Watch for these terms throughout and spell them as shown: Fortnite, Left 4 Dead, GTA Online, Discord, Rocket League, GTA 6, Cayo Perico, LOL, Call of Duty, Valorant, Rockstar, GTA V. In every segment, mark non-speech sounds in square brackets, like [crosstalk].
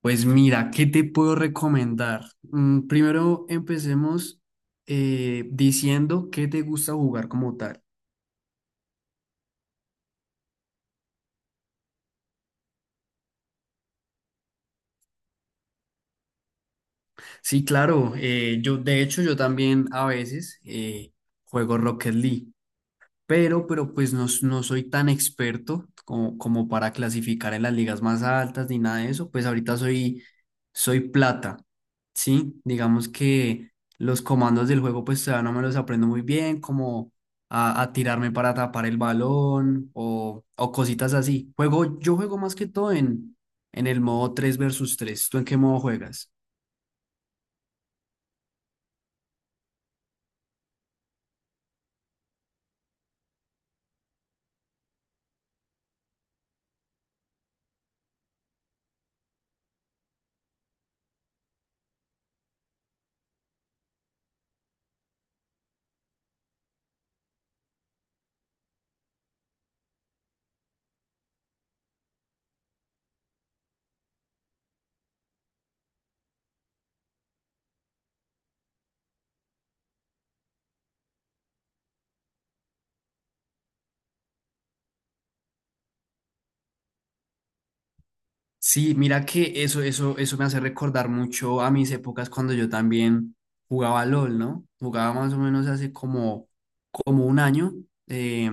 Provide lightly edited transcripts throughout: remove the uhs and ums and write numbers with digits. Pues mira, ¿qué te puedo recomendar? Primero empecemos diciendo qué te gusta jugar como tal. Sí, claro, yo de hecho yo también a veces juego Rocket League. Pero pues no, no soy tan experto como para clasificar en las ligas más altas ni nada de eso. Pues ahorita soy plata, ¿sí? Digamos que los comandos del juego pues todavía no me los aprendo muy bien, como a tirarme para tapar el balón o cositas así. Yo juego más que todo en el modo 3 versus tres. ¿Tú en qué modo juegas? Sí, mira que eso me hace recordar mucho a mis épocas cuando yo también jugaba LOL, ¿no? Jugaba más o menos hace como un año. Eh,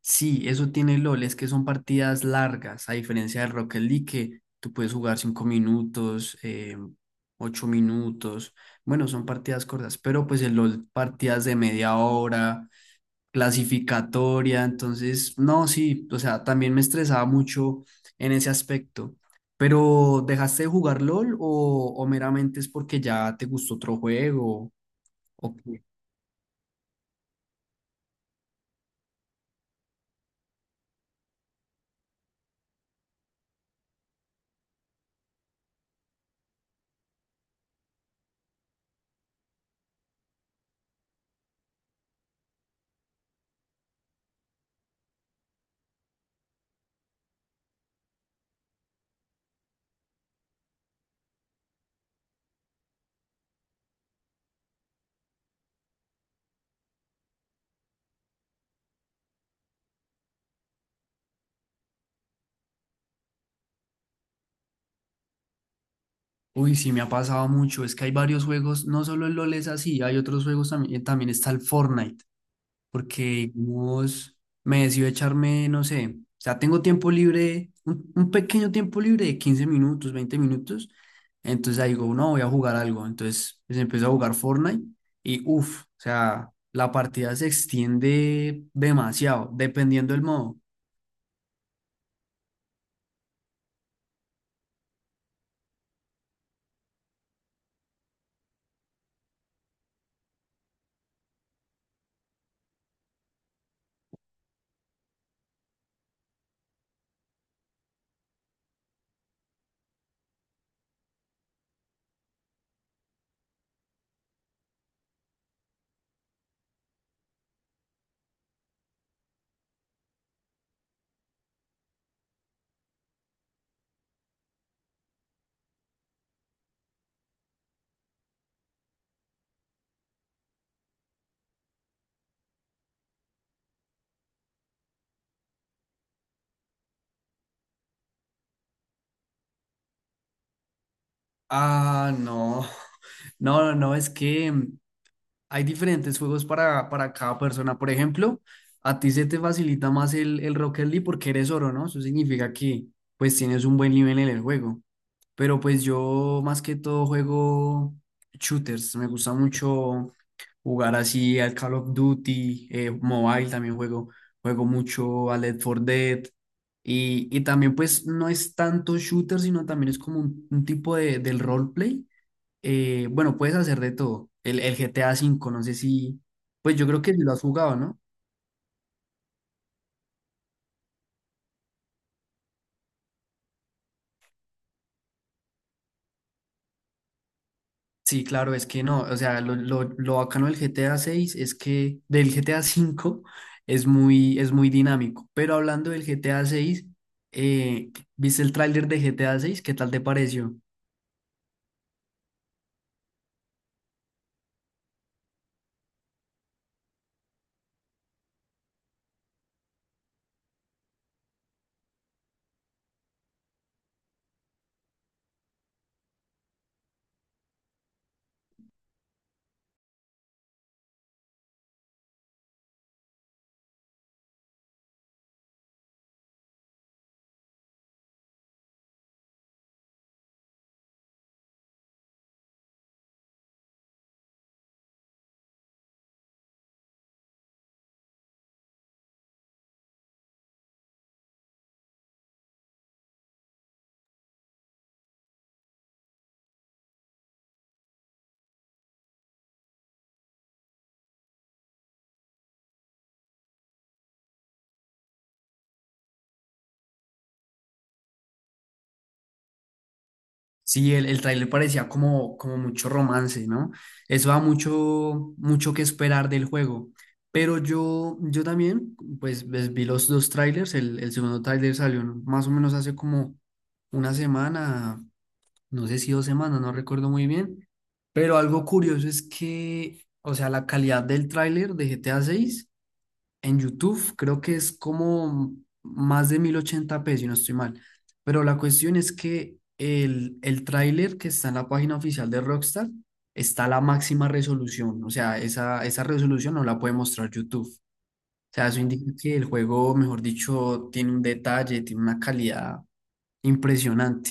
sí, eso tiene LOL, es que son partidas largas, a diferencia del Rocket League, que tú puedes jugar 5 minutos, 8 minutos. Bueno, son partidas cortas, pero pues el LOL, partidas de media hora, clasificatoria. Entonces, no, sí, o sea, también me estresaba mucho en ese aspecto. Pero, ¿dejaste de jugar LOL o meramente es porque ya te gustó otro juego? ¿O qué? Uy, sí, me ha pasado mucho, es que hay varios juegos, no solo el LOL es así, hay otros juegos también, también está el Fortnite. Porque digamos, me decido echarme, no sé, o sea, tengo tiempo libre, un pequeño tiempo libre de 15 minutos, 20 minutos. Entonces ahí digo, no, voy a jugar algo. Entonces pues empiezo a jugar Fortnite y uff, o sea, la partida se extiende demasiado, dependiendo del modo. Ah, no, [laughs] no, no, no, es que hay diferentes juegos para cada persona. Por ejemplo, a ti se te facilita más el Rocket League porque eres oro, ¿no? Eso significa que pues tienes un buen nivel en el juego. Pero pues yo más que todo juego shooters. Me gusta mucho jugar así al Call of Duty, Mobile también juego. Juego mucho a Left 4 Dead. Y también pues no es tanto shooter, sino también es como un tipo del roleplay. Bueno, puedes hacer de todo. El GTA V, no sé si, pues yo creo que sí lo has jugado, ¿no? Sí, claro, es que no, o sea, lo bacano del GTA 6 es que del GTA 5 [laughs] es muy, dinámico. Pero hablando del GTA 6, ¿viste el tráiler de GTA 6? ¿Qué tal te pareció? Sí, el tráiler parecía como mucho romance, ¿no? Eso da mucho, mucho que esperar del juego. Pero yo también, pues, vi los dos trailers. El segundo tráiler salió más o menos hace como una semana, no sé si 2 semanas, no recuerdo muy bien. Pero algo curioso es que, o sea, la calidad del tráiler de GTA 6. En YouTube creo que es como más de 1080p si no estoy mal. Pero la cuestión es que el tráiler que está en la página oficial de Rockstar está a la máxima resolución. O sea, esa resolución no la puede mostrar YouTube. O sea, eso indica que el juego, mejor dicho, tiene un detalle, tiene una calidad impresionante.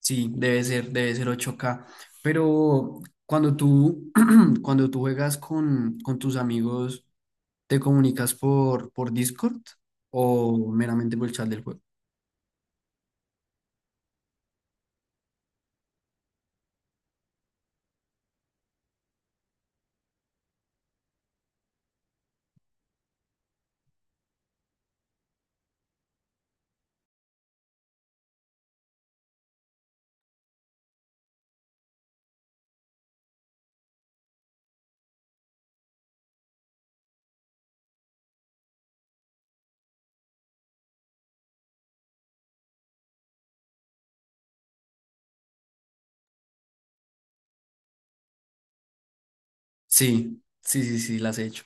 Sí, debe ser 8K. Pero cuando tú, [clears throat] cuando tú juegas con tus amigos, ¿te comunicas por Discord o meramente por el chat del juego? Sí, sí, sí, sí, las he hecho.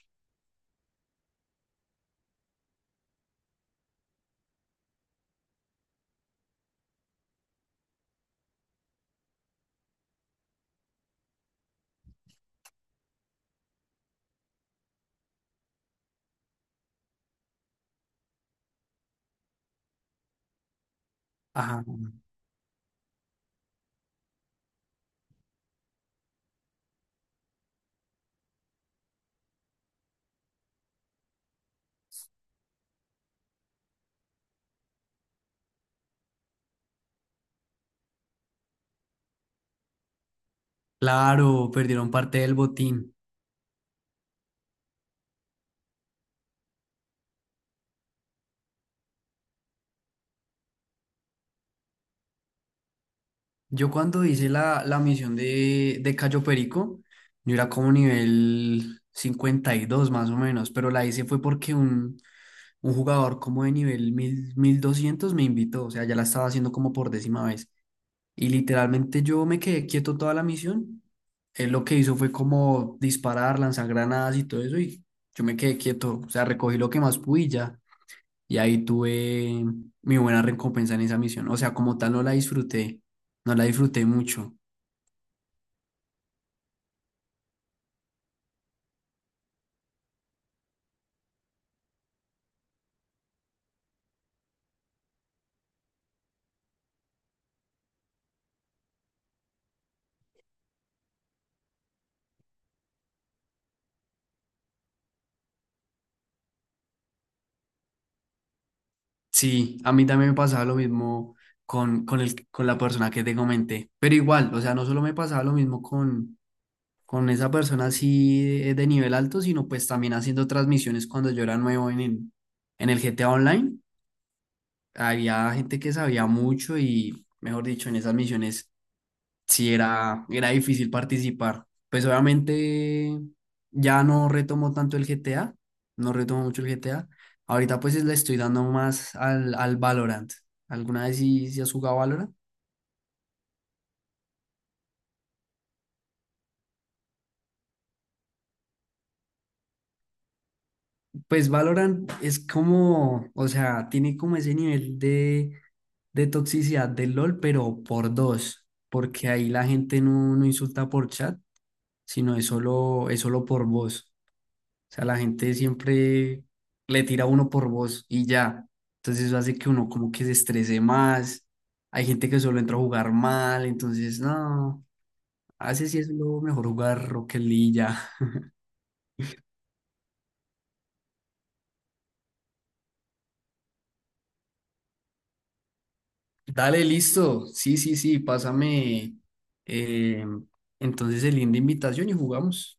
Ajá. Claro, perdieron parte del botín. Yo cuando hice la misión de Cayo Perico, yo era como nivel 52 más o menos, pero la hice fue porque un jugador como de nivel 1200 me invitó. O sea, ya la estaba haciendo como por 10.ª vez. Y literalmente yo me quedé quieto toda la misión. Él lo que hizo fue como disparar, lanzar granadas y todo eso, y yo me quedé quieto. O sea, recogí lo que más pude y ya. Y ahí tuve mi buena recompensa en esa misión. O sea, como tal no la disfruté, no la disfruté mucho. Sí, a mí también me pasaba lo mismo con la persona que te comenté. Pero igual, o sea, no solo me pasaba lo mismo con esa persona así de nivel alto, sino pues también haciendo transmisiones cuando yo era nuevo en el GTA Online. Había gente que sabía mucho y, mejor dicho, en esas misiones sí era difícil participar. Pues obviamente ya no retomo tanto el GTA, no retomo mucho el GTA. Ahorita pues le estoy dando más al Valorant. ¿Alguna vez sí has jugado Valorant? Pues Valorant es como, o sea, tiene como ese nivel de toxicidad del LOL, pero por dos, porque ahí la gente no insulta por chat, sino es solo por voz. O sea, la gente siempre le tira a uno por voz y ya. Entonces eso hace que uno como que se estrese más. Hay gente que solo entra a jugar mal, entonces no, hace si es lo mejor jugar Rocket League y ya. [laughs] Dale, listo. Sí, sí, sí, pásame eh, entonces el link de invitación y jugamos.